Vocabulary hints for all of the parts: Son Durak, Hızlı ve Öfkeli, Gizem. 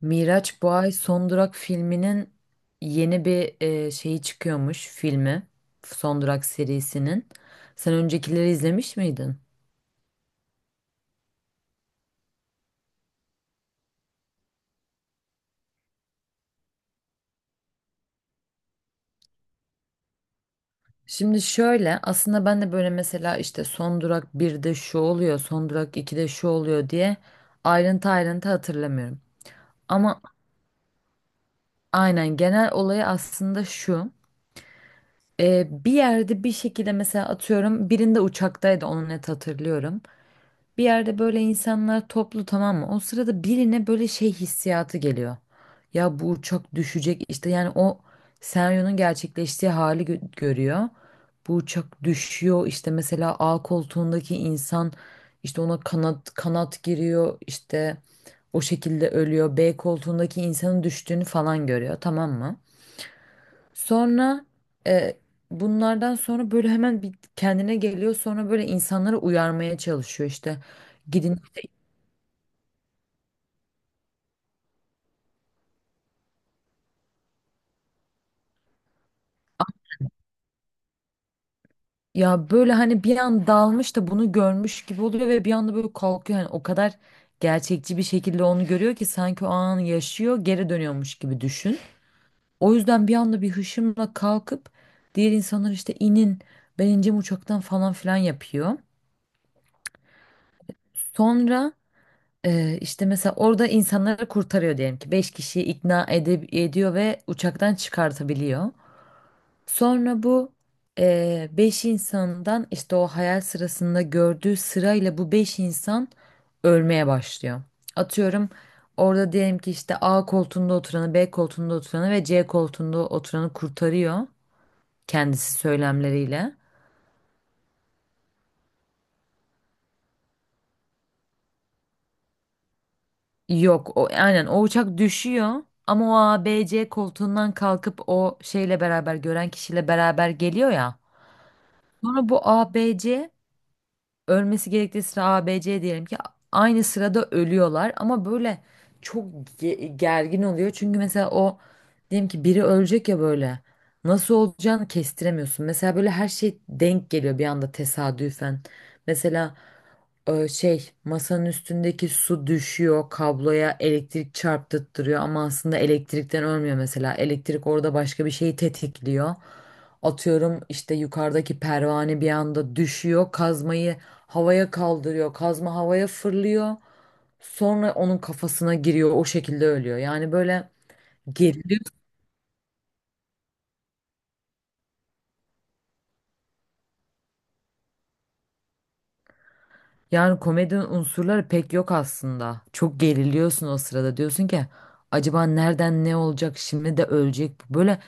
Miraç bu ay Son Durak filminin yeni bir şeyi çıkıyormuş filmi. Son Durak serisinin. Sen öncekileri izlemiş miydin? Şimdi şöyle aslında ben de böyle mesela işte Son Durak birde şu oluyor, Son Durak 2'de şu oluyor diye ayrıntı hatırlamıyorum. Ama aynen genel olayı aslında şu. Bir yerde bir şekilde mesela atıyorum birinde uçaktaydı onu net hatırlıyorum. Bir yerde böyle insanlar toplu, tamam mı? O sırada birine böyle şey hissiyatı geliyor. Ya bu uçak düşecek işte, yani o senaryonun gerçekleştiği hali görüyor. Bu uçak düşüyor işte, mesela A koltuğundaki insan işte ona kanat giriyor, işte o şekilde ölüyor. B koltuğundaki insanın düştüğünü falan görüyor, tamam mı? Sonra e, bunlardan sonra böyle hemen bir kendine geliyor, sonra böyle insanları uyarmaya çalışıyor işte. Gidin. Ya böyle hani bir an dalmış da bunu görmüş gibi oluyor ve bir anda böyle kalkıyor. Hani o kadar gerçekçi bir şekilde onu görüyor ki sanki o anı yaşıyor, geri dönüyormuş gibi düşün. O yüzden bir anda bir hışımla kalkıp diğer insanlar işte inin, ben ineceğim uçaktan falan filan yapıyor. Sonra işte mesela orada insanları kurtarıyor, diyelim ki 5 kişiyi ediyor ve uçaktan çıkartabiliyor. Sonra bu beş insandan, işte o hayal sırasında gördüğü sırayla bu beş insan ölmeye başlıyor. Atıyorum, orada diyelim ki işte A koltuğunda oturanı, B koltuğunda oturanı ve C koltuğunda oturanı kurtarıyor kendisi söylemleriyle. Yok, o aynen o uçak düşüyor ama o A, B, C koltuğundan kalkıp o şeyle beraber gören kişiyle beraber geliyor ya. Sonra bu A, B, C ölmesi gerektiği sıra A, B, C diyelim ki aynı sırada ölüyorlar ama böyle çok gergin oluyor. Çünkü mesela o diyelim ki biri ölecek ya, böyle nasıl olacağını kestiremiyorsun. Mesela böyle her şey denk geliyor bir anda tesadüfen. Mesela masanın üstündeki su düşüyor kabloya, elektrik çarptırıyor ama aslında elektrikten ölmüyor mesela. Elektrik orada başka bir şeyi tetikliyor. Atıyorum işte yukarıdaki pervane bir anda düşüyor, kazmayı havaya kaldırıyor, kazma havaya fırlıyor. Sonra onun kafasına giriyor, o şekilde ölüyor. Yani böyle geriliyorum. Yani komedi unsurları pek yok aslında. Çok geriliyorsun o sırada. Diyorsun ki acaba nereden ne olacak, şimdi de ölecek bu. Böyle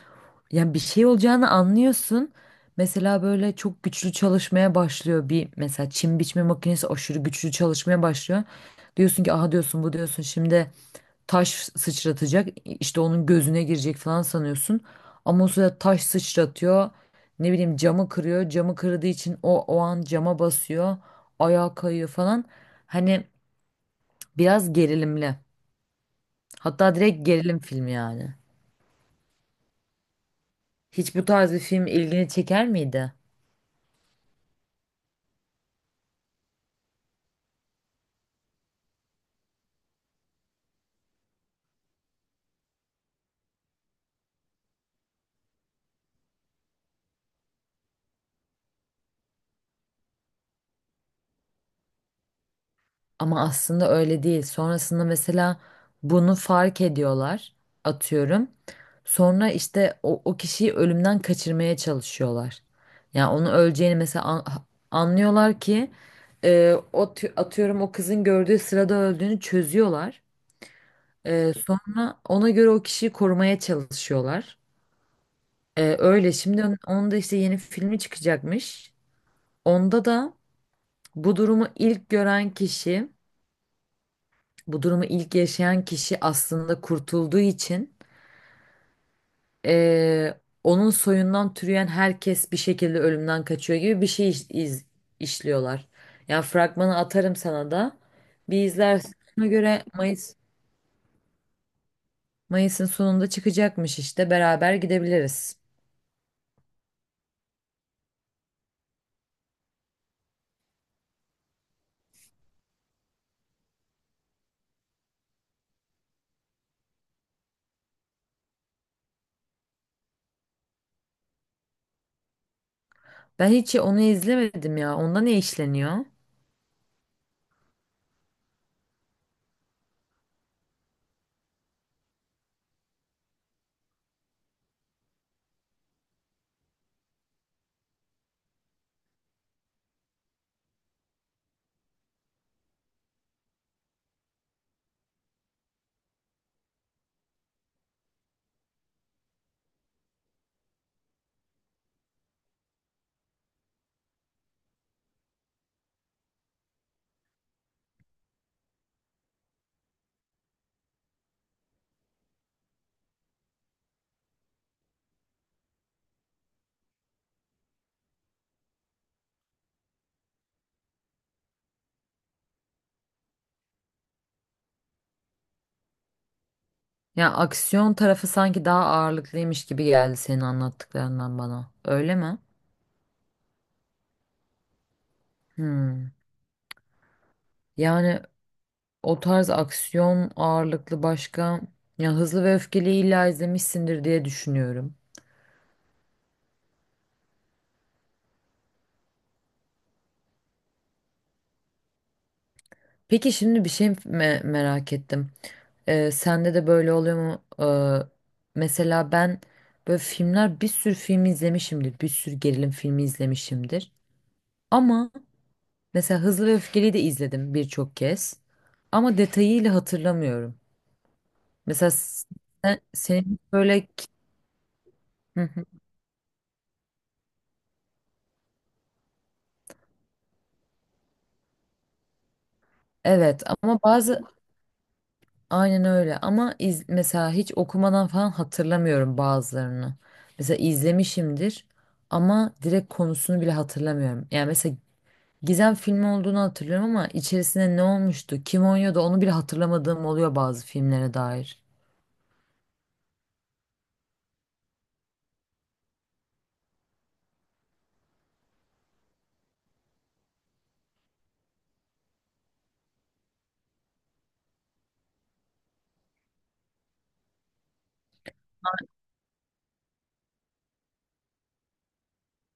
yani bir şey olacağını anlıyorsun. Mesela böyle çok güçlü çalışmaya başlıyor bir mesela çim biçme makinesi aşırı güçlü çalışmaya başlıyor. Diyorsun ki aha diyorsun bu, diyorsun şimdi taş sıçratacak işte onun gözüne girecek falan sanıyorsun. Ama o sırada taş sıçratıyor, ne bileyim camı kırıyor, camı kırdığı için o an cama basıyor, ayağa kayıyor falan. Hani biraz gerilimli, hatta direkt gerilim filmi yani. Hiç bu tarz bir film ilgini çeker miydi? Ama aslında öyle değil. Sonrasında mesela bunu fark ediyorlar, atıyorum. Sonra işte o kişiyi ölümden kaçırmaya çalışıyorlar. Yani onu öleceğini mesela anlıyorlar ki o atıyorum o kızın gördüğü sırada öldüğünü çözüyorlar. Sonra ona göre o kişiyi korumaya çalışıyorlar. Öyle şimdi onun da işte yeni filmi çıkacakmış. Onda da bu durumu ilk gören kişi, bu durumu ilk yaşayan kişi aslında kurtulduğu için onun soyundan türeyen herkes bir şekilde ölümden kaçıyor gibi bir şey işliyorlar. Yani fragmanı atarım sana da. Bir izlersin. Ona göre Mayıs'ın sonunda çıkacakmış işte. Beraber gidebiliriz. Ben hiç onu izlemedim ya. Onda ne işleniyor? Ya aksiyon tarafı sanki daha ağırlıklıymış gibi geldi senin anlattıklarından bana. Öyle mi? Hmm. Yani o tarz aksiyon ağırlıklı başka, ya Hızlı ve Öfkeli illa izlemişsindir diye düşünüyorum. Peki şimdi bir şey merak ettim. Sende de böyle oluyor mu? Mesela ben böyle filmler, bir sürü film izlemişimdir. Bir sürü gerilim filmi izlemişimdir. Ama mesela Hızlı ve Öfkeli'yi de izledim birçok kez. Ama detayıyla hatırlamıyorum. Mesela senin böyle hı hı, evet ama bazı aynen öyle ama iz, mesela hiç okumadan falan hatırlamıyorum bazılarını. Mesela izlemişimdir ama direkt konusunu bile hatırlamıyorum. Yani mesela Gizem filmi olduğunu hatırlıyorum ama içerisinde ne olmuştu, kim oynuyordu onu bile hatırlamadığım oluyor bazı filmlere dair.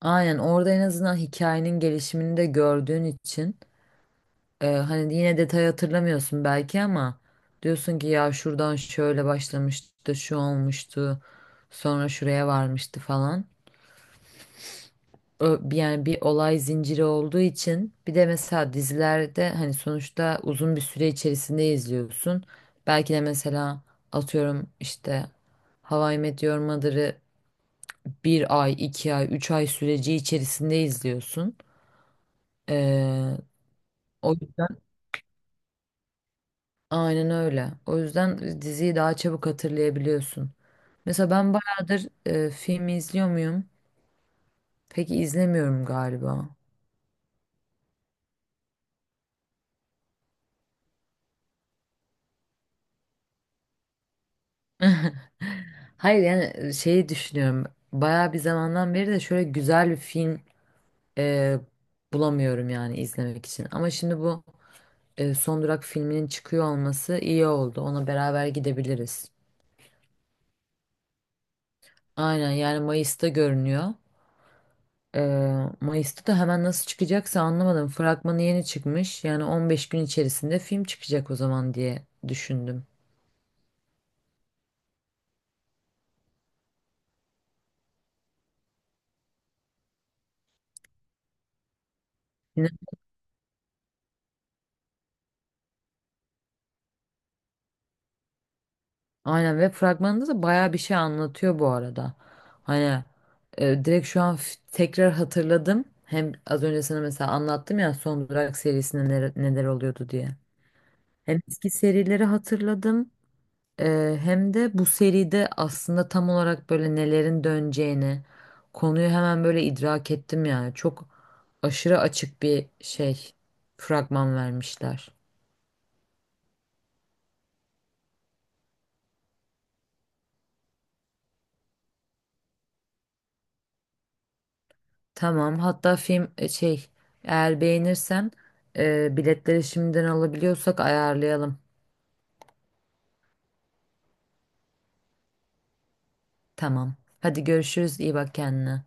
Aynen orada en azından hikayenin gelişimini de gördüğün için hani yine detayı hatırlamıyorsun belki ama diyorsun ki ya şuradan şöyle başlamıştı, şu olmuştu, sonra şuraya varmıştı falan. Yani bir olay zinciri olduğu için bir de mesela dizilerde hani sonuçta uzun bir süre içerisinde izliyorsun. Belki de mesela atıyorum işte How I Met Your Mother'ı bir ay, iki ay, üç ay süreci içerisinde izliyorsun. Ee, O yüzden aynen öyle. O yüzden diziyi daha çabuk hatırlayabiliyorsun. Mesela ben bayağıdır film izliyor muyum? Peki izlemiyorum galiba. Hayır yani şeyi düşünüyorum. Bayağı bir zamandan beri de şöyle güzel bir film e, bulamıyorum yani izlemek için. Ama şimdi bu Son Durak filminin çıkıyor olması iyi oldu. Ona beraber gidebiliriz. Aynen yani Mayıs'ta görünüyor. E, Mayıs'ta da hemen nasıl çıkacaksa anlamadım. Fragmanı yeni çıkmış. Yani 15 gün içerisinde film çıkacak o zaman diye düşündüm. Aynen, ve fragmanında da bayağı bir şey anlatıyor bu arada. Hani direkt şu an tekrar hatırladım. Hem az önce sana mesela anlattım ya Son Durak serisinde neler, neler oluyordu diye. Hem eski serileri hatırladım hem de bu seride aslında tam olarak böyle nelerin döneceğini, konuyu hemen böyle idrak ettim yani. Çok aşırı açık bir şey fragman vermişler. Tamam. Hatta film eğer beğenirsen biletleri şimdiden alabiliyorsak ayarlayalım. Tamam. Hadi görüşürüz. İyi bak kendine.